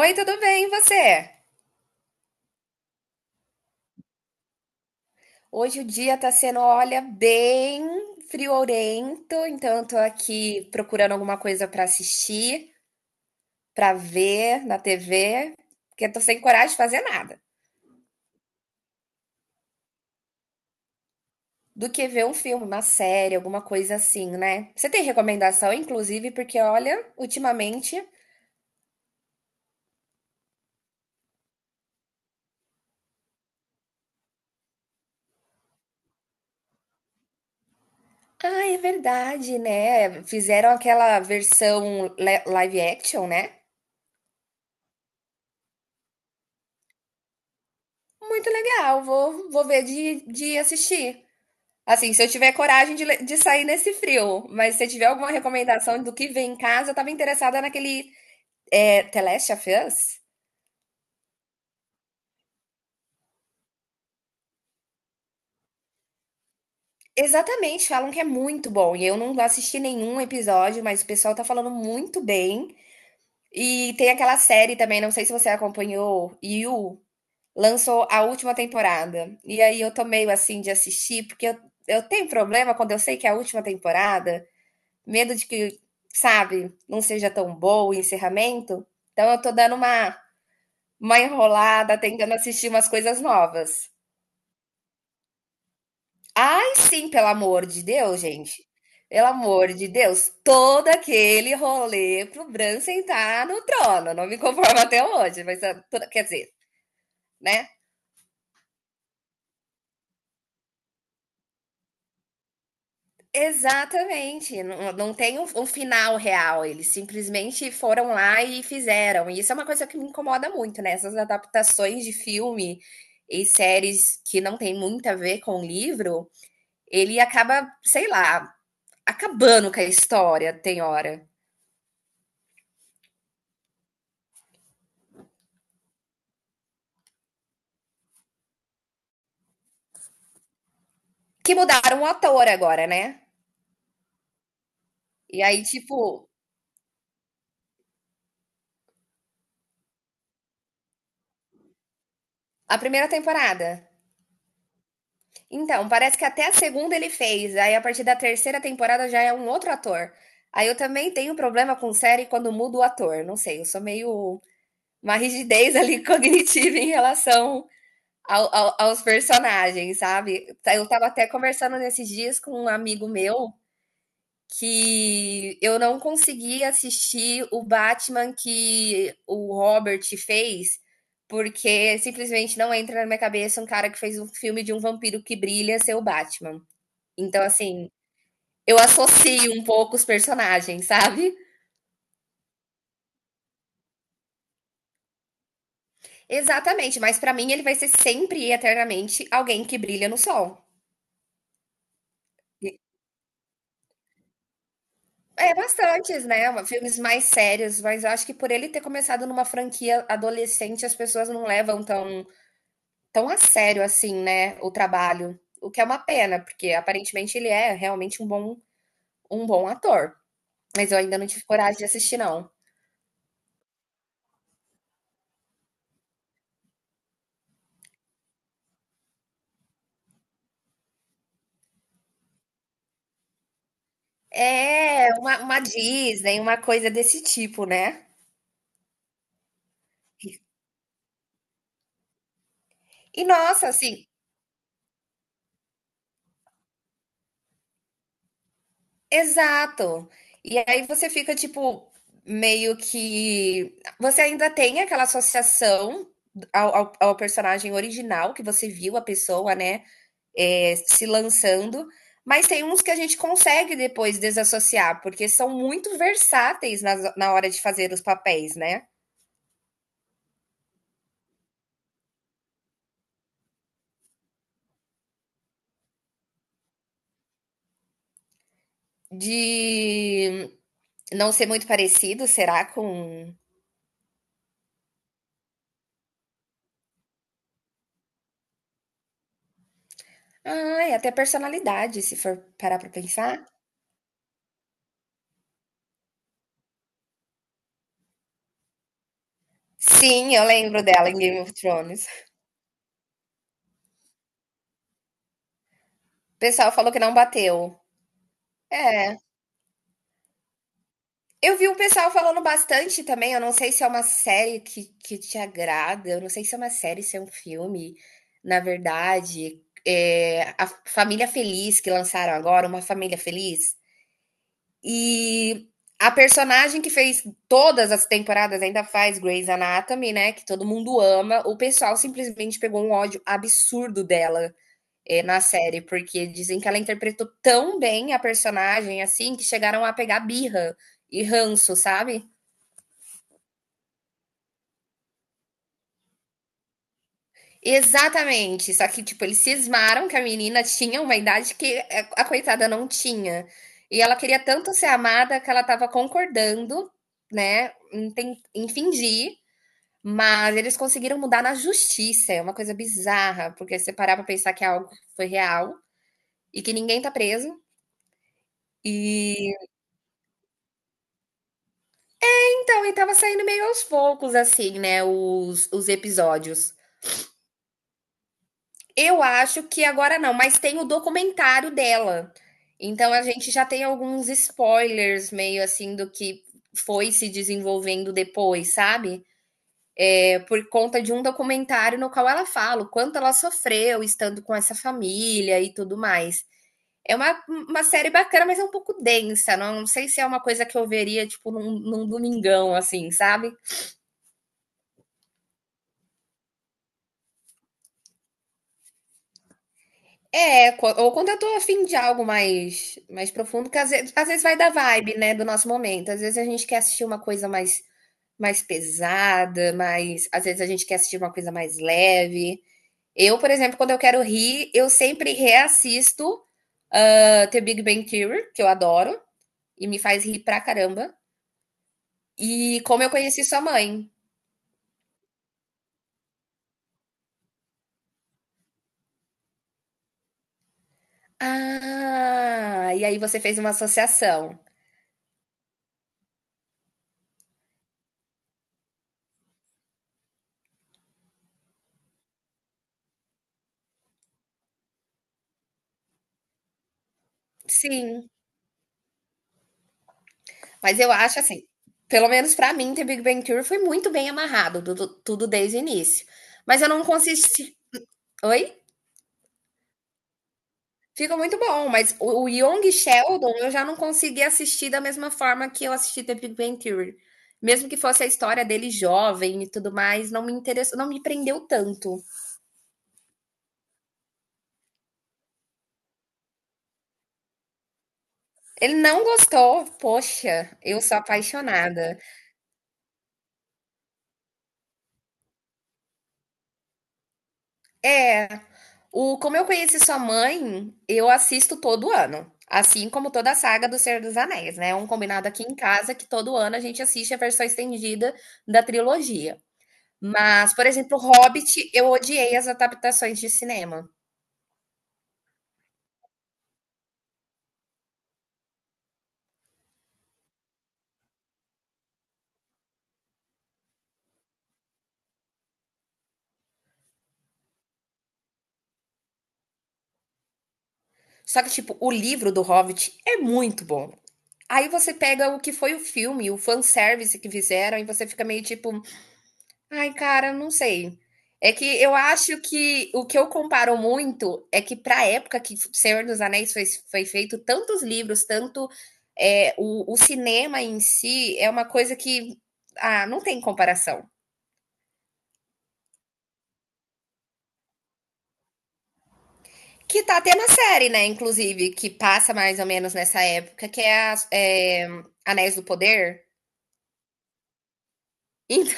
Oi, tudo bem, e você? Hoje o dia tá sendo, olha, bem friorento, então eu tô aqui procurando alguma coisa pra assistir, pra ver na TV, porque eu tô sem coragem de fazer nada. Do que ver um filme, uma série, alguma coisa assim, né? Você tem recomendação, inclusive, porque olha, ultimamente, ah, é verdade, né? Fizeram aquela versão live action, né? Muito legal, vou ver de assistir. Assim, se eu tiver coragem de sair nesse frio, mas se tiver alguma recomendação do que vem em casa, eu tava interessada naquele The Last of Us. Exatamente, falam que é muito bom. E eu não assisti nenhum episódio, mas o pessoal tá falando muito bem. E tem aquela série também, não sei se você acompanhou, You, lançou a última temporada. E aí eu tô meio assim de assistir, porque eu tenho problema quando eu sei que é a última temporada. Medo de que, sabe, não seja tão bom o encerramento. Então eu tô dando uma enrolada, tentando assistir umas coisas novas. Ai, sim, pelo amor de Deus, gente. Pelo amor de Deus, todo aquele rolê pro Bran sentar no trono. Não me conformo até hoje, mas ah, quer dizer, né? Exatamente, não tem um final real, eles simplesmente foram lá e fizeram, e isso é uma coisa que me incomoda muito, né, essas adaptações de filme e séries que não tem muito a ver com o livro, ele acaba, sei lá, acabando com a história, tem hora. Que mudaram o ator agora, né. E aí, tipo, a primeira temporada. Então, parece que até a segunda ele fez, aí a partir da terceira temporada já é um outro ator. Aí eu também tenho problema com série quando muda o ator, não sei, eu sou meio uma rigidez ali cognitiva em relação aos personagens, sabe? Eu tava até conversando nesses dias com um amigo meu que eu não consegui assistir o Batman que o Robert fez, porque simplesmente não entra na minha cabeça um cara que fez um filme de um vampiro que brilha ser o Batman. Então, assim, eu associo um pouco os personagens, sabe? Exatamente, mas pra mim ele vai ser sempre e eternamente alguém que brilha no sol. É, bastantes, né? Filmes mais sérios, mas eu acho que por ele ter começado numa franquia adolescente, as pessoas não levam tão a sério assim, né? O trabalho. O que é uma pena, porque aparentemente ele é realmente um bom ator. Mas eu ainda não tive coragem de assistir, não. É, uma Disney, uma coisa desse tipo, né? E nossa, assim, exato. E aí você fica tipo meio que você ainda tem aquela associação ao personagem original que você viu a pessoa, né, se lançando, mas tem uns que a gente consegue depois desassociar porque são muito versáteis na hora de fazer os papéis, né? De não ser muito parecido, será com, ai, até personalidade, se for parar pra pensar. Sim, eu lembro dela em Game of Thrones. O pessoal falou que não bateu. É. Eu vi um pessoal falando bastante também. Eu não sei se é uma série que te agrada. Eu não sei se é uma série, se é um filme. Na verdade, a Família Feliz que lançaram agora, Uma Família Feliz. E a personagem que fez todas as temporadas ainda faz Grey's Anatomy, né? Que todo mundo ama. O pessoal simplesmente pegou um ódio absurdo dela. É, na série, porque dizem que ela interpretou tão bem a personagem, assim, que chegaram a pegar birra e ranço, sabe? Exatamente. Só que, tipo, eles cismaram que a menina tinha uma idade que a coitada não tinha. E ela queria tanto ser amada que ela tava concordando, né, em fingir, mas eles conseguiram mudar na justiça. É uma coisa bizarra, porque se você parar pra pensar que é algo que foi real e que ninguém tá preso. E então, e tava saindo meio aos poucos, assim, né, os episódios. Eu acho que agora não, mas tem o documentário dela. Então a gente já tem alguns spoilers meio assim do que foi se desenvolvendo depois, sabe? É por conta de um documentário no qual ela fala o quanto ela sofreu estando com essa família e tudo mais. É uma série bacana, mas é um pouco densa. Não, não sei se é uma coisa que eu veria, tipo, num domingão, assim, sabe? É, ou quando eu tô afim de algo mais profundo, que às vezes vai da vibe, né, do nosso momento. Às vezes a gente quer assistir uma coisa mais pesada, às vezes a gente quer assistir uma coisa mais leve. Eu, por exemplo, quando eu quero rir, eu sempre reassisto The Big Bang Theory, que eu adoro, e me faz rir pra caramba. E como eu conheci sua mãe. Ah, e aí você fez uma associação. Sim. Mas eu acho assim, pelo menos para mim, The Big Bang Theory foi muito bem amarrado, tudo, tudo desde o início. Mas eu não consegui. Oi? Fica muito bom, mas o Young Sheldon eu já não consegui assistir da mesma forma que eu assisti The Big Bang Theory. Mesmo que fosse a história dele jovem e tudo mais, não me interessou, não me prendeu tanto. Ele não gostou, poxa, eu sou apaixonada. É, o Como Eu Conheci Sua Mãe, eu assisto todo ano, assim como toda a saga do Senhor dos Anéis, né? É um combinado aqui em casa que todo ano a gente assiste a versão estendida da trilogia. Mas, por exemplo, o Hobbit, eu odiei as adaptações de cinema. Só que, tipo, o livro do Hobbit é muito bom. Aí você pega o que foi o filme, o fanservice que fizeram, e você fica meio tipo, ai, cara, eu não sei. É que eu acho que o que eu comparo muito é que para a época que Senhor dos Anéis foi, foi feito tantos livros, tanto o cinema em si é uma coisa que ah, não tem comparação. Que tá tendo a série, né? Inclusive, que passa mais ou menos nessa época, que é, a, é, Anéis do Poder. Então,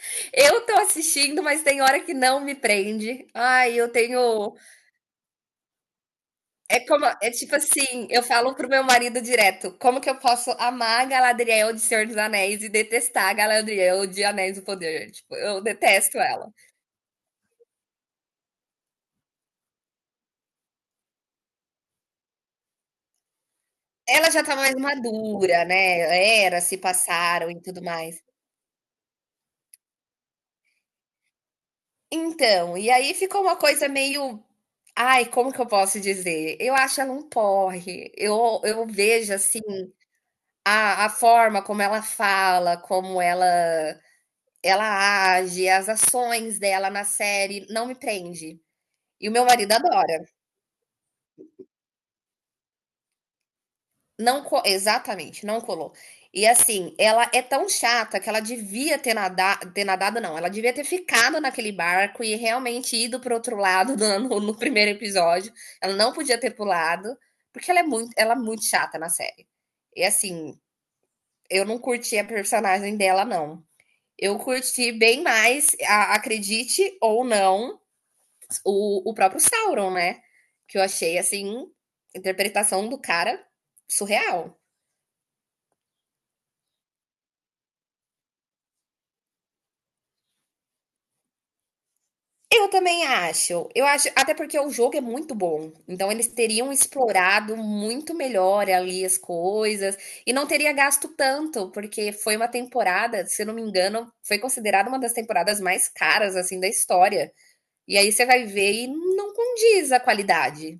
eu tô assistindo, mas tem hora que não me prende. Ai, eu tenho. É como, é tipo assim, eu falo pro meu marido direto, como que eu posso amar a Galadriel de Senhor dos Anéis e detestar a Galadriel de Anéis do Poder? Tipo, eu detesto ela. Ela já tá mais madura, né? Eras se passaram e tudo mais. Então, e aí ficou uma coisa meio. Ai, como que eu posso dizer? Eu acho ela um porre. Eu vejo, assim, a forma como ela fala, como ela age, as ações dela na série, não me prende. E o meu marido adora. Não co Exatamente, não colou. E assim, ela é tão chata que ela devia ter nadado não, ela devia ter ficado naquele barco e realmente ido para outro lado do no primeiro episódio. Ela não podia ter pulado, porque ela é muito chata na série. E assim, eu não curti a personagem dela não. Eu curti bem mais, a acredite ou não, o próprio Sauron, né? Que eu achei, assim, a interpretação do cara surreal. Eu também acho. Eu acho, até porque o jogo é muito bom. Então eles teriam explorado muito melhor ali as coisas e não teria gasto tanto, porque foi uma temporada, se eu não me engano, foi considerada uma das temporadas mais caras assim da história. E aí você vai ver e não condiz a qualidade.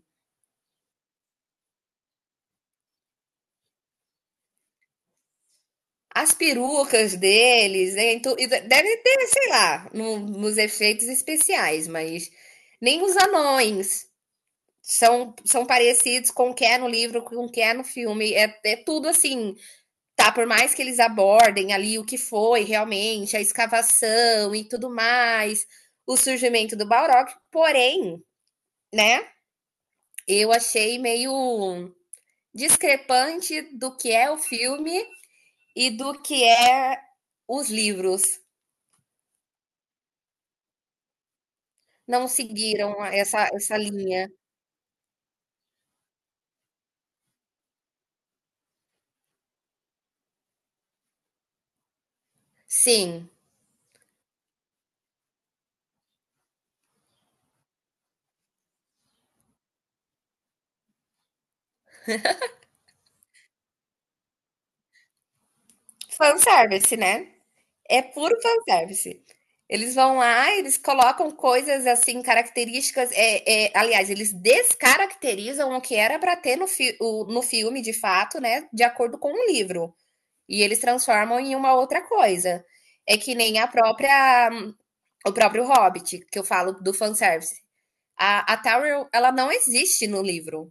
As perucas deles, né? Então, e deve ter, sei lá, nos efeitos especiais, mas nem os anões são parecidos com o que é no livro, com o que é no filme. É, tudo assim, tá? Por mais que eles abordem ali o que foi realmente, a escavação e tudo mais, o surgimento do Balrog, porém, né? Eu achei meio discrepante do que é o filme e do que é os livros. Não seguiram essa linha. Sim, fanservice, né? É puro fanservice. Eles vão lá, eles colocam coisas assim, características. Aliás, eles descaracterizam o que era para ter no filme, de fato, né? De acordo com o livro. E eles transformam em uma outra coisa. É que nem a própria, o próprio Hobbit, que eu falo do fanservice. A Tauriel, ela não existe no livro.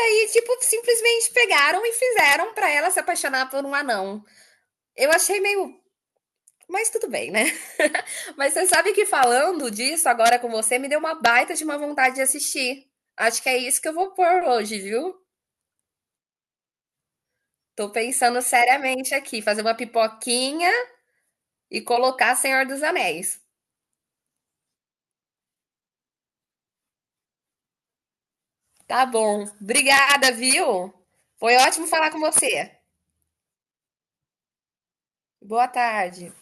E, tipo, simplesmente pegaram e fizeram para ela se apaixonar por um anão. Eu achei meio. Mas tudo bem, né? Mas você sabe que falando disso agora com você, me deu uma baita de uma vontade de assistir. Acho que é isso que eu vou pôr hoje, viu? Tô pensando seriamente aqui, fazer uma pipoquinha e colocar Senhor dos Anéis. Tá bom. Obrigada, viu? Foi ótimo falar com você. Boa tarde.